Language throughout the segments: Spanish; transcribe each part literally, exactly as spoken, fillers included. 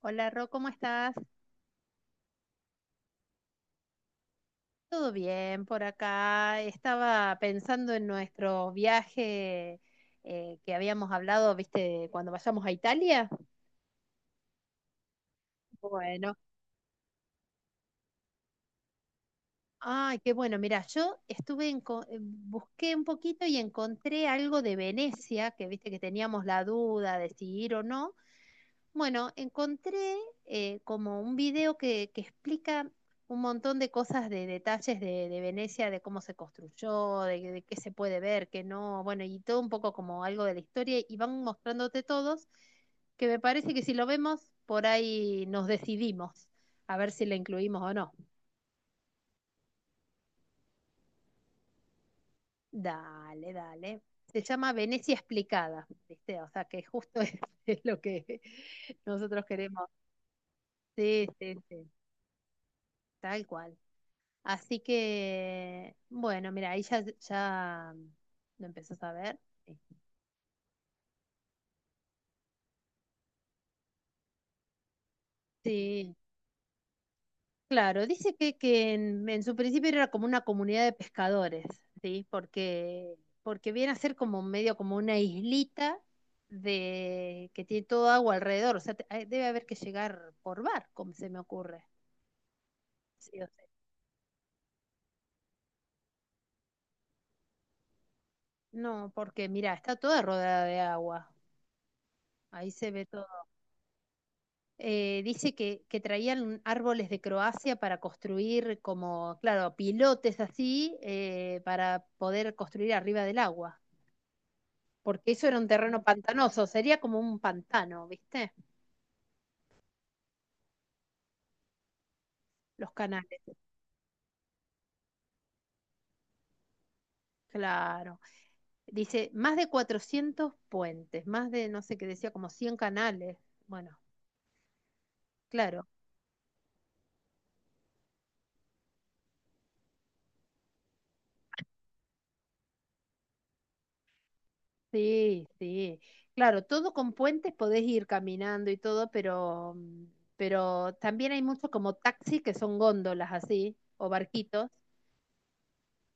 Hola, Ro, ¿cómo estás? Todo bien por acá. Estaba pensando en nuestro viaje eh, que habíamos hablado, viste, cuando vayamos a Italia. Bueno, ay, qué bueno. Mira, yo estuve en, co- eh, busqué un poquito y encontré algo de Venecia, que viste que teníamos la duda de si ir o no. Bueno, encontré eh, como un video que, que explica un montón de cosas, de detalles de, de Venecia, de cómo se construyó, de, de qué se puede ver, qué no, bueno, y todo un poco como algo de la historia, y van mostrándote todos, que me parece que si lo vemos, por ahí nos decidimos a ver si la incluimos o no. Dale, dale. Se llama Venecia explicada, ¿viste? O sea, que justo es, es, lo que nosotros queremos. Sí, sí, sí, tal cual. Así que, bueno, mira, ahí ya, ya lo empezás a ver. Sí, claro, dice que, que en, en su principio era como una comunidad de pescadores, ¿sí? Porque, porque viene a ser como medio como una islita de que tiene todo agua alrededor, o sea, te- hay- debe haber que llegar por barco, se me ocurre. Sí, o sea, no, porque mira, está toda rodeada de agua, ahí se ve todo. Eh, dice que, que, traían árboles de Croacia para construir como, claro, pilotes así, eh, para poder construir arriba del agua, porque eso era un terreno pantanoso, sería como un pantano, ¿viste? Los canales, claro. Dice, más de cuatrocientos puentes, más de, no sé qué decía, como cien canales. Bueno, claro. Sí, sí. Claro, todo con puentes podés ir caminando y todo, pero, mm, pero también hay mucho como taxi que son góndolas así, o barquitos,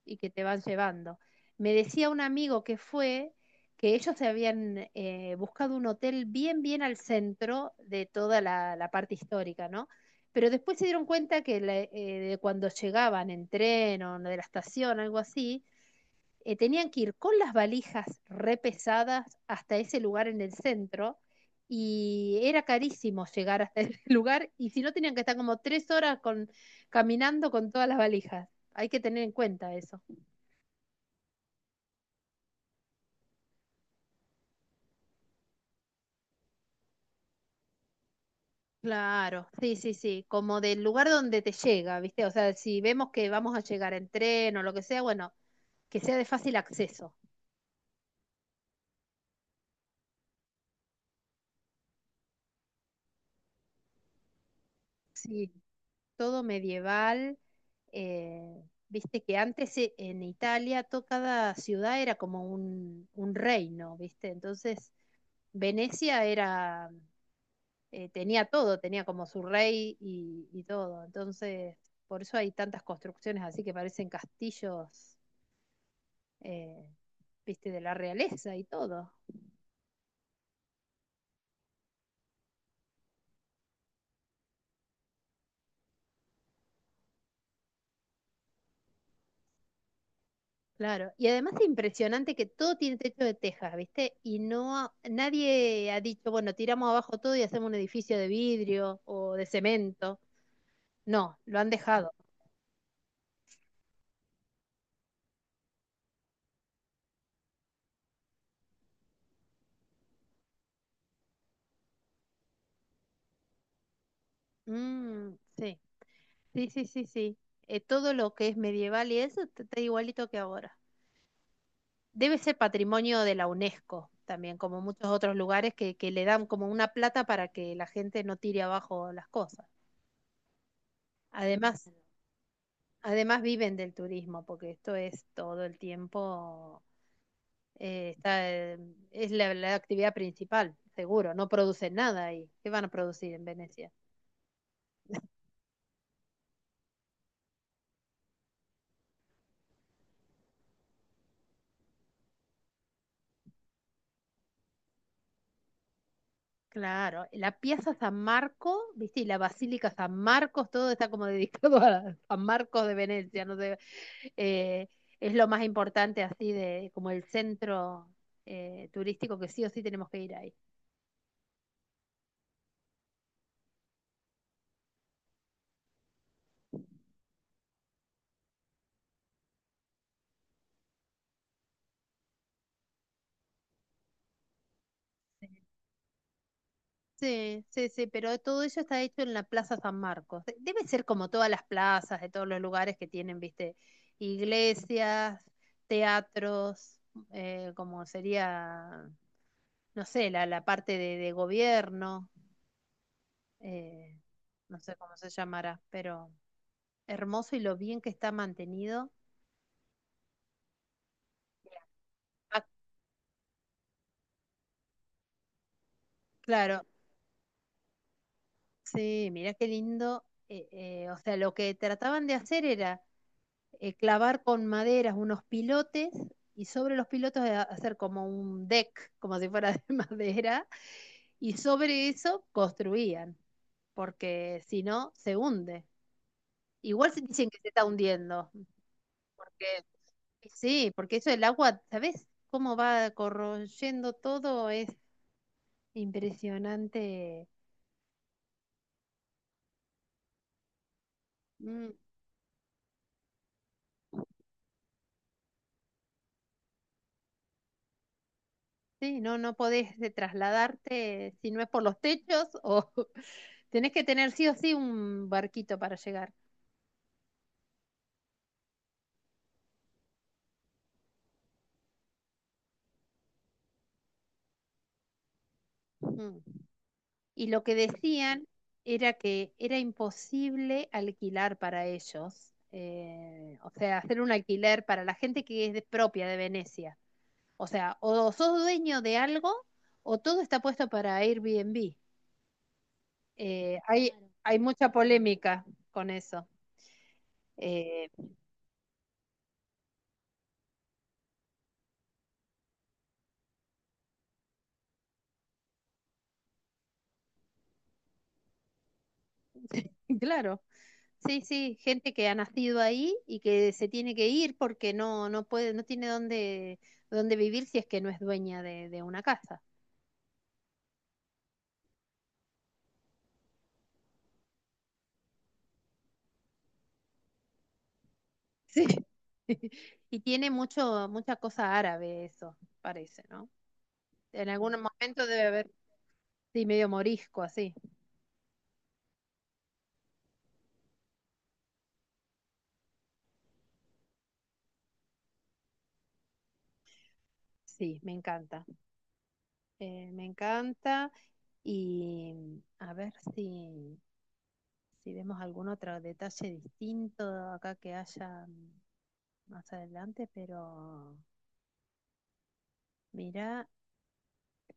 y que te van llevando. Me decía un amigo que fue que ellos se habían eh, buscado un hotel bien, bien al centro de toda la, la parte histórica, ¿no? Pero después se dieron cuenta que la- eh, de cuando llegaban en tren o de la estación, algo así, eh, tenían que ir con las valijas repesadas hasta ese lugar en el centro y era carísimo llegar hasta ese lugar y si no tenían que estar como tres horas con, caminando con todas las valijas. Hay que tener en cuenta eso. Claro, sí, sí, sí, como del lugar donde te llega, ¿viste? O sea, si vemos que vamos a llegar en tren o lo que sea, bueno, que sea de fácil acceso. Sí, todo medieval. eh, viste que antes eh, en Italia to- cada ciudad era como un, un reino, viste. Entonces Venecia era, eh, tenía todo, tenía como su rey y, y todo. Entonces, por eso hay tantas construcciones así que parecen castillos, eh, viste, de la realeza y todo. Claro, y además es impresionante que todo tiene techo de tejas, ¿viste? Y no ha- nadie ha dicho, bueno, tiramos abajo todo y hacemos un edificio de vidrio o de cemento. No, lo han dejado. Mm, sí, sí, sí, sí, sí. Eh, todo lo que es medieval y eso está está igualito que ahora. Debe ser patrimonio de la UNESCO también, como muchos otros lugares que, que le dan como una plata para que la gente no tire abajo las cosas. Además, además viven del turismo, porque esto es todo el tiempo eh, está, eh, es la, la, actividad principal, seguro, no producen nada ahí. ¿Qué van a producir en Venecia? Claro, la Piazza San Marco, viste, y la Basílica San Marcos, todo está como dedicado a San Marcos de Venecia, no sé, eh, es lo más importante así de como el centro eh, turístico que sí o sí tenemos que ir ahí. Sí, sí, sí, pero todo eso está hecho en la Plaza San Marcos. De- Debe ser como todas las plazas de todos los lugares que tienen, viste, iglesias, teatros, eh, como sería, no sé, la, la parte de, de gobierno, eh, no sé cómo se llamará, pero hermoso y lo bien que está mantenido. Ah, claro, sí, mirá qué lindo. Eh, eh, o sea, lo que trataban de hacer era eh, clavar con maderas unos pilotes y sobre los pilotos hacer como un deck, como si fuera de madera, y sobre eso construían, porque si no, se hunde. Igual se dicen que se está hundiendo, porque sí, porque eso el agua, ¿sabes? Cómo va corroyendo todo es impresionante. Mm, sí, no, no podés eh, trasladarte si no es por los techos o tenés que tener sí o sí un barquito para llegar. Mm. Y lo que decían era que era imposible alquilar para ellos, eh, o sea, hacer un alquiler para la gente que es de- propia de Venecia. O sea, o sos dueño de algo o todo está puesto para Airbnb. Eh, hay, hay mucha polémica con eso. Eh, claro. Sí, sí, gente que ha nacido ahí y que se tiene que ir porque no, no puede, no tiene dónde, dónde vivir si es que no es dueña de, de una casa. Sí. Y tiene mucho, mucha cosa árabe eso, parece, ¿no? En algún momento debe haber, sí, medio morisco, así. Sí, me encanta. Eh, me encanta. Y mm, a ver si, si vemos algún otro detalle distinto acá que haya mm, más adelante, pero mira,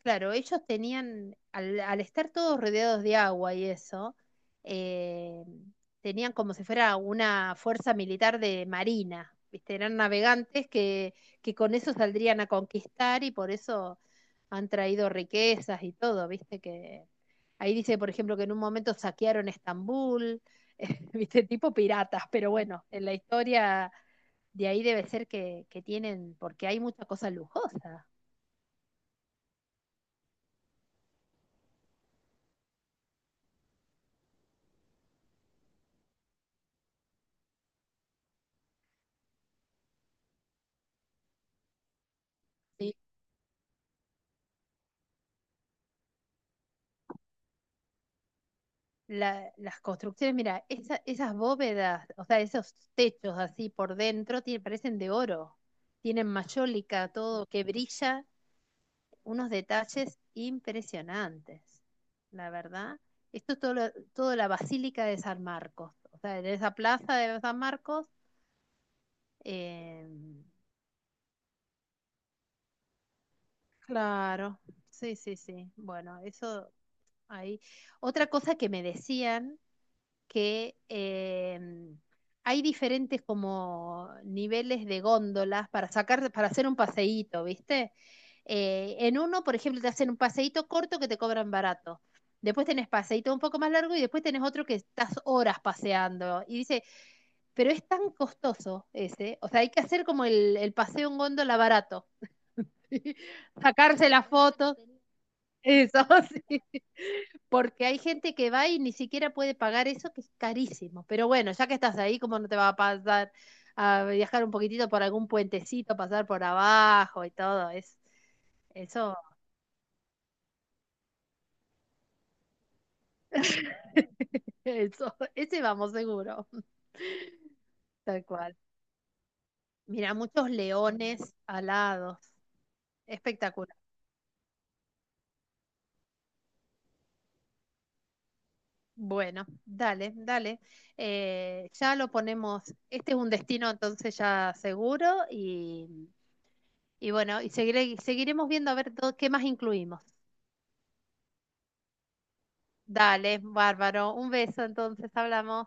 claro, ellos tenían, al, al estar todos rodeados de agua y eso, eh, tenían como si fuera una fuerza militar de marina, ¿viste? Eran navegantes que, que con eso saldrían a conquistar y por eso han traído riquezas y todo, ¿viste? Que ahí dice, por ejemplo, que en un momento saquearon Estambul, ¿viste? Tipo piratas, pero bueno, en la historia de ahí debe ser que, que tienen, porque hay mucha cosa lujosa. Sí, la- las construcciones, mira, esa- esas bóvedas, o sea, esos techos así por dentro, tie- parecen de oro, tienen mayólica, todo que brilla, unos detalles impresionantes, la verdad. Esto es todo, lo- todo la Basílica de San Marcos, o sea, en esa plaza de San Marcos, eh, claro, sí, sí, sí, bueno, eso ahí. Otra cosa que me decían que eh, hay diferentes como niveles de góndolas para sacar, para hacer un paseíto, ¿viste? Eh, en uno, por ejemplo, te hacen un paseíto corto que te cobran barato. Después tenés paseíto un poco más largo y después tenés otro que estás horas paseando. Y dice, pero es tan costoso ese. O sea, hay que hacer como el, el paseo en góndola barato. Sacarse la foto. Eso, sí porque hay gente que va y ni siquiera puede pagar eso, que es carísimo. Pero bueno, ya que estás ahí, ¿cómo no te va a pasar a viajar un poquitito por algún puentecito, pasar por abajo y todo? Es, eso, eso, ese vamos seguro, tal cual. Mira, muchos leones alados, espectacular. Bueno, dale, dale. Eh, ya lo ponemos, este es un destino entonces ya seguro y, y bueno, y seguire- seguiremos viendo a ver todo- qué más incluimos. Dale, bárbaro. Un beso, entonces hablamos.